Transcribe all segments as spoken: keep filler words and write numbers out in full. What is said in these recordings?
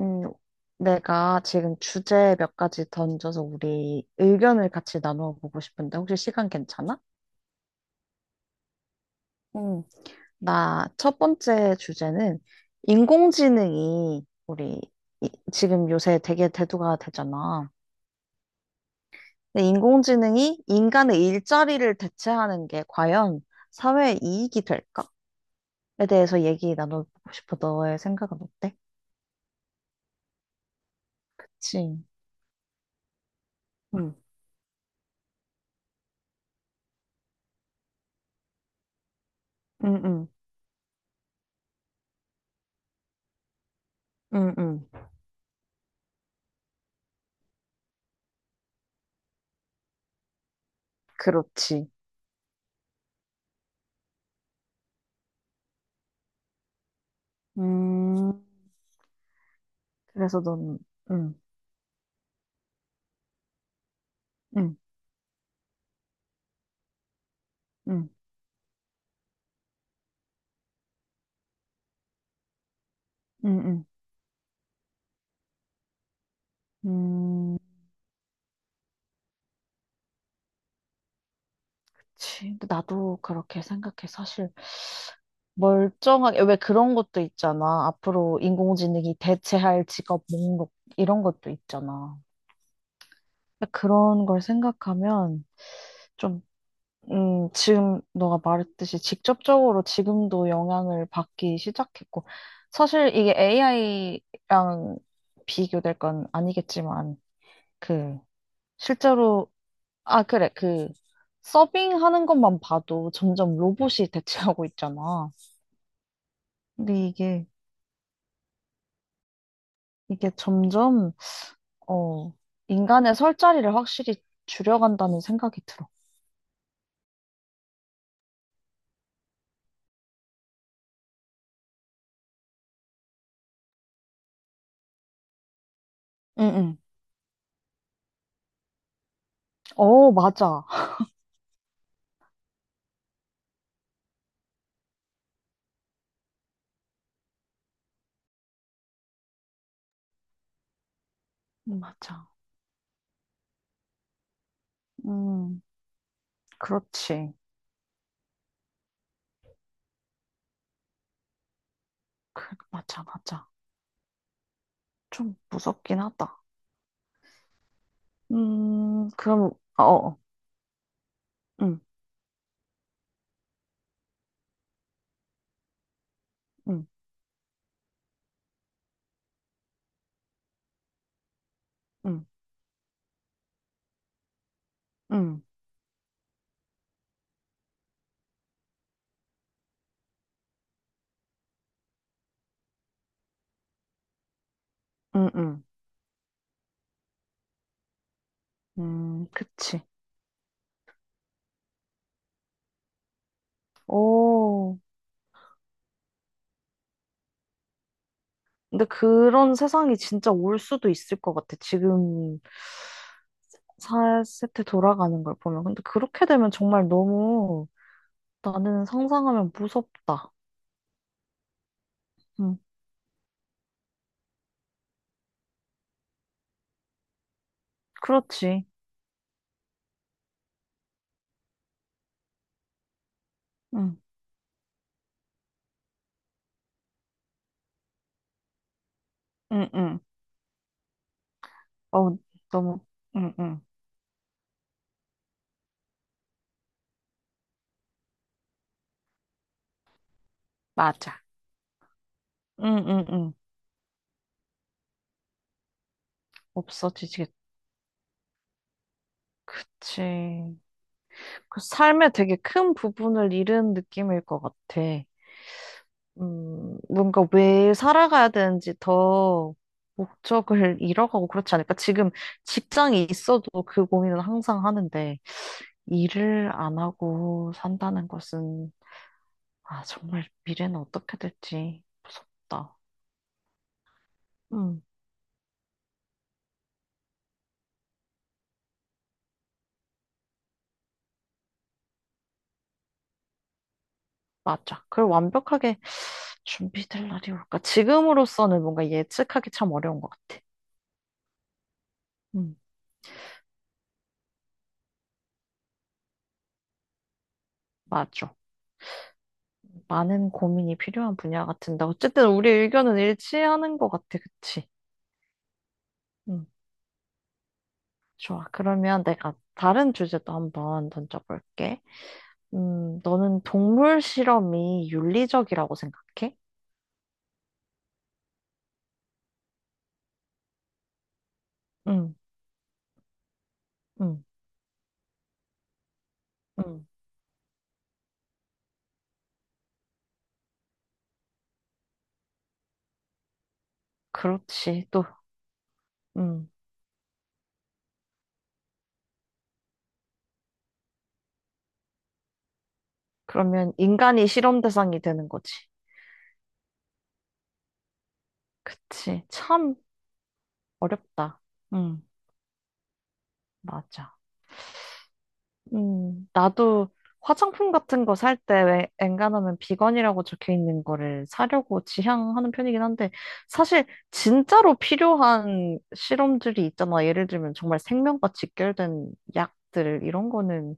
음, 내가 지금 주제 몇 가지 던져서 우리 의견을 같이 나누어 보고 싶은데 혹시 시간 괜찮아? 응, 나 첫 번째 주제는 인공지능이 우리 이- 지금 요새 되게 대두가 되잖아. 근데 인공지능이 인간의 일자리를 대체하는 게 과연 사회에 이익이 될까?에 대해서 얘기 나눠보고 싶어. 너의 생각은 어때? 그치? 응. 응, 응, 응, 응. 그렇지. 음. 그래서 넌, 응, 응, 응, 응, 응. 음, 그치. 근데 나도 그렇게 생각해. 사실, 멀쩡하게, 왜 그런 것도 있잖아. 앞으로 인공지능이 대체할 직업 목록, 이런 것도 있잖아. 그런 걸 생각하면, 좀, 음, 지금 너가 말했듯이 직접적으로 지금도 영향을 받기 시작했고, 사실 이게 에이아이랑 비교될 건 아니겠지만, 그, 실제로 아, 그래. 그, 서빙하는 것만 봐도 점점 로봇이 대체하고 있잖아. 근데 이게, 이게 점점, 어, 인간의 설 자리를 확실히 줄여간다는 생각이 들어. 응, 응. 어, 맞아. 맞아. 음, 그렇지. 그, 맞아, 맞아. 좀 무섭긴 하다. 음, 그럼, 어, 어. 응, 응, 응, 응, 응, 응. 음, 그치. 오. 근데 그런 세상이 진짜 올 수도 있을 것 같아. 지금 사 세트 돌아가는 걸 보면. 근데 그렇게 되면 정말 너무 나는 상상하면 무섭다. 응, 그렇지. 응, 응, 응. 어, 너무, 응, 응. 맞아. 응, 응, 응. 없어지지. 그치. 그 삶의 되게 큰 부분을 잃은 느낌일 것 같아. 음, 뭔가 왜 살아가야 되는지 더 목적을 잃어가고 그렇지 않을까? 지금 직장이 있어도 그 고민은 항상 하는데, 일을 안 하고 산다는 것은, 아, 정말 미래는 어떻게 될지 무섭다. 음, 맞아. 그걸 완벽하게 준비될 날이 올까? 지금으로서는 뭔가 예측하기 참 어려운 것 같아. 음, 맞아. 많은 고민이 필요한 분야 같은데, 어쨌든 우리 의견은 일치하는 것 같아. 그치? 음. 좋아. 그러면 내가 다른 주제도 한번 던져볼게. 음, 너는 동물 실험이 윤리적이라고 생각해? 응, 응, 응. 그렇지. 또, 음. 그러면 인간이 실험 대상이 되는 거지. 그치. 참 어렵다. 응, 맞아. 음, 나도 화장품 같은 거 살 때 왜 엔간하면 비건이라고 적혀 있는 거를 사려고 지향하는 편이긴 한데 사실 진짜로 필요한 실험들이 있잖아. 예를 들면 정말 생명과 직결된 약들 이런 거는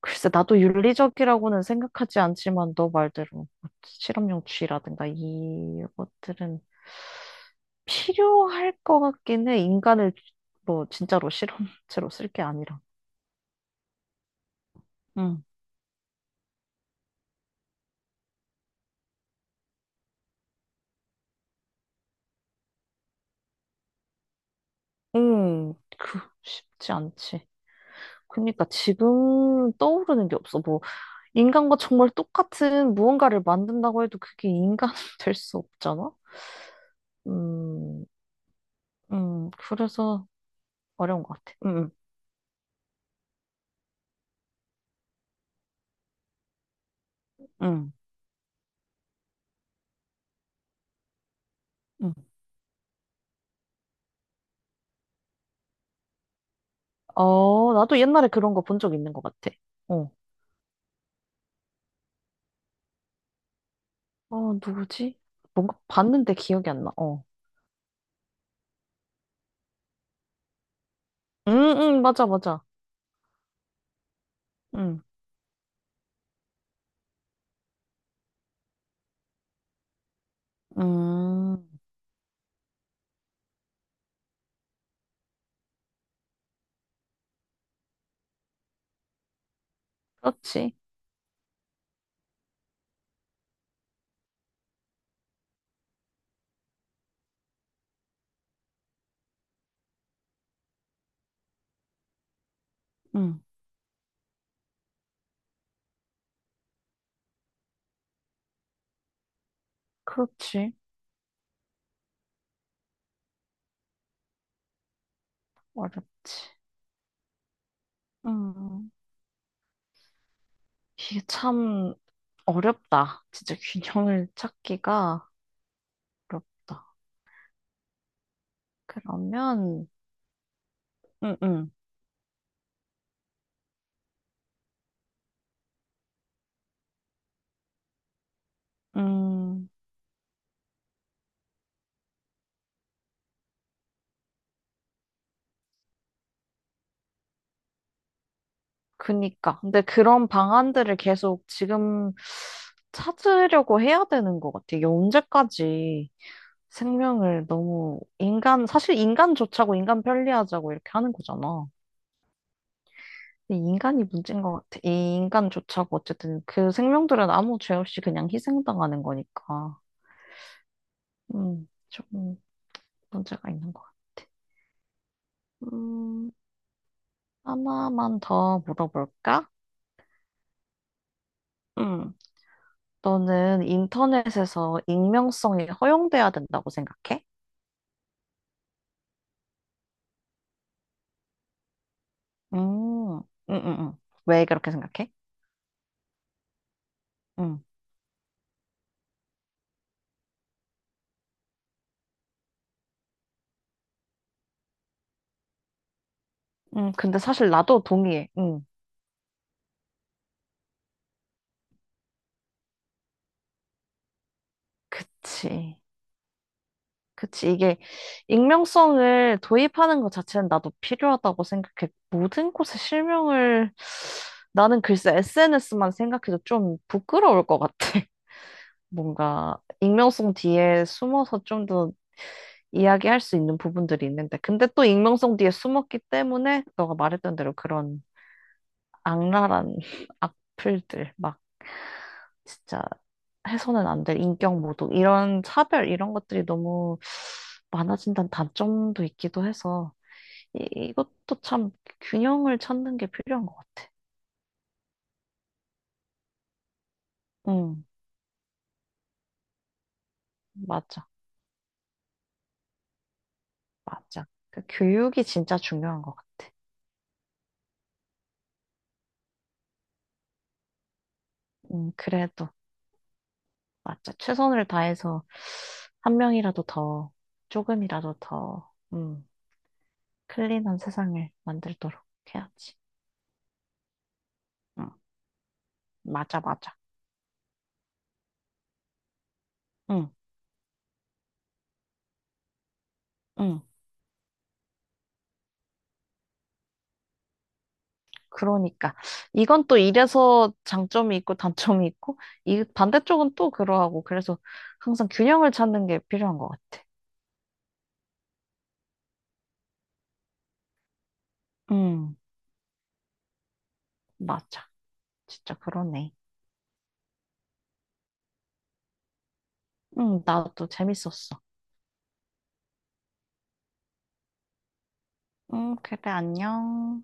글쎄 나도 윤리적이라고는 생각하지 않지만 너 말대로 뭐 실험용 쥐라든가 이것들은 필요할 것 같긴 해. 인간을 뭐 진짜로 실험체로 쓸 게 아니라. 음, 그, 쉽지 않지. 그러니까 지금 떠오르는 게 없어. 뭐, 인간과 정말 똑같은 무언가를 만든다고 해도 그게 인간 될 수 없잖아? 음, 음, 그래서 어려운 것 같아. 음, 음, 음. 음. 어, 나도 옛날에 그런 거 본 적 있는 것 같아. 어, 어, 누구지? 뭔가 봤는데 기억이 안 나. 어. 응 응 맞아, 맞아. 응 음, 그렇지. 응 그렇지. 어렵지. 음. 음. 이게 참 어렵다. 진짜 균형을 찾기가 어렵다. 그러면, 음, 음, 음, 그니까. 근데 그런 방안들을 계속 지금 찾으려고 해야 되는 것 같아. 이게 언제까지 생명을 너무 인간, 사실 인간 좋자고 인간 편리하자고 이렇게 하는 거잖아. 근데 인간이 문제인 것 같아. 이 인간 좋자고 어쨌든 그 생명들은 아무 죄 없이 그냥 희생당하는 거니까. 음, 좀 문제가 있는 것 같아. 음, 하나만 더 물어볼까? 음, 너는 인터넷에서 익명성이 허용돼야 된다고 생각해? 음, 음, 음, 음. 왜 그렇게 생각해? 음, 음, 근데 사실 나도 동의해. 음, 그치. 그치. 이게 익명성을 도입하는 것 자체는 나도 필요하다고 생각해. 모든 곳에 실명을 나는 글쎄 에스엔에스만 생각해도 좀 부끄러울 것 같아. 뭔가 익명성 뒤에 숨어서 좀 더 이야기할 수 있는 부분들이 있는데, 근데 또 익명성 뒤에 숨었기 때문에 너가 말했던 대로 그런 악랄한 악플들, 막 진짜 해서는 안 될 인격 모독, 이런 차별, 이런 것들이 너무 많아진다는 단점도 있기도 해서, 이, 이것도 참 균형을 찾는 게 필요한 것 같아. 응, 맞아, 맞아. 그 교육이 진짜 중요한 것 같아. 음, 그래도. 맞아. 최선을 다해서 한 명이라도 더, 조금이라도 더, 음, 클린한 세상을 만들도록 해야지. 응, 맞아, 맞아. 응, 응. 그러니까. 이건 또 이래서 장점이 있고 단점이 있고, 이 반대쪽은 또 그러하고, 그래서 항상 균형을 찾는 게 필요한 것 같아. 응, 맞아. 진짜 그러네. 응, 나도 재밌었어. 응, 그래, 안녕.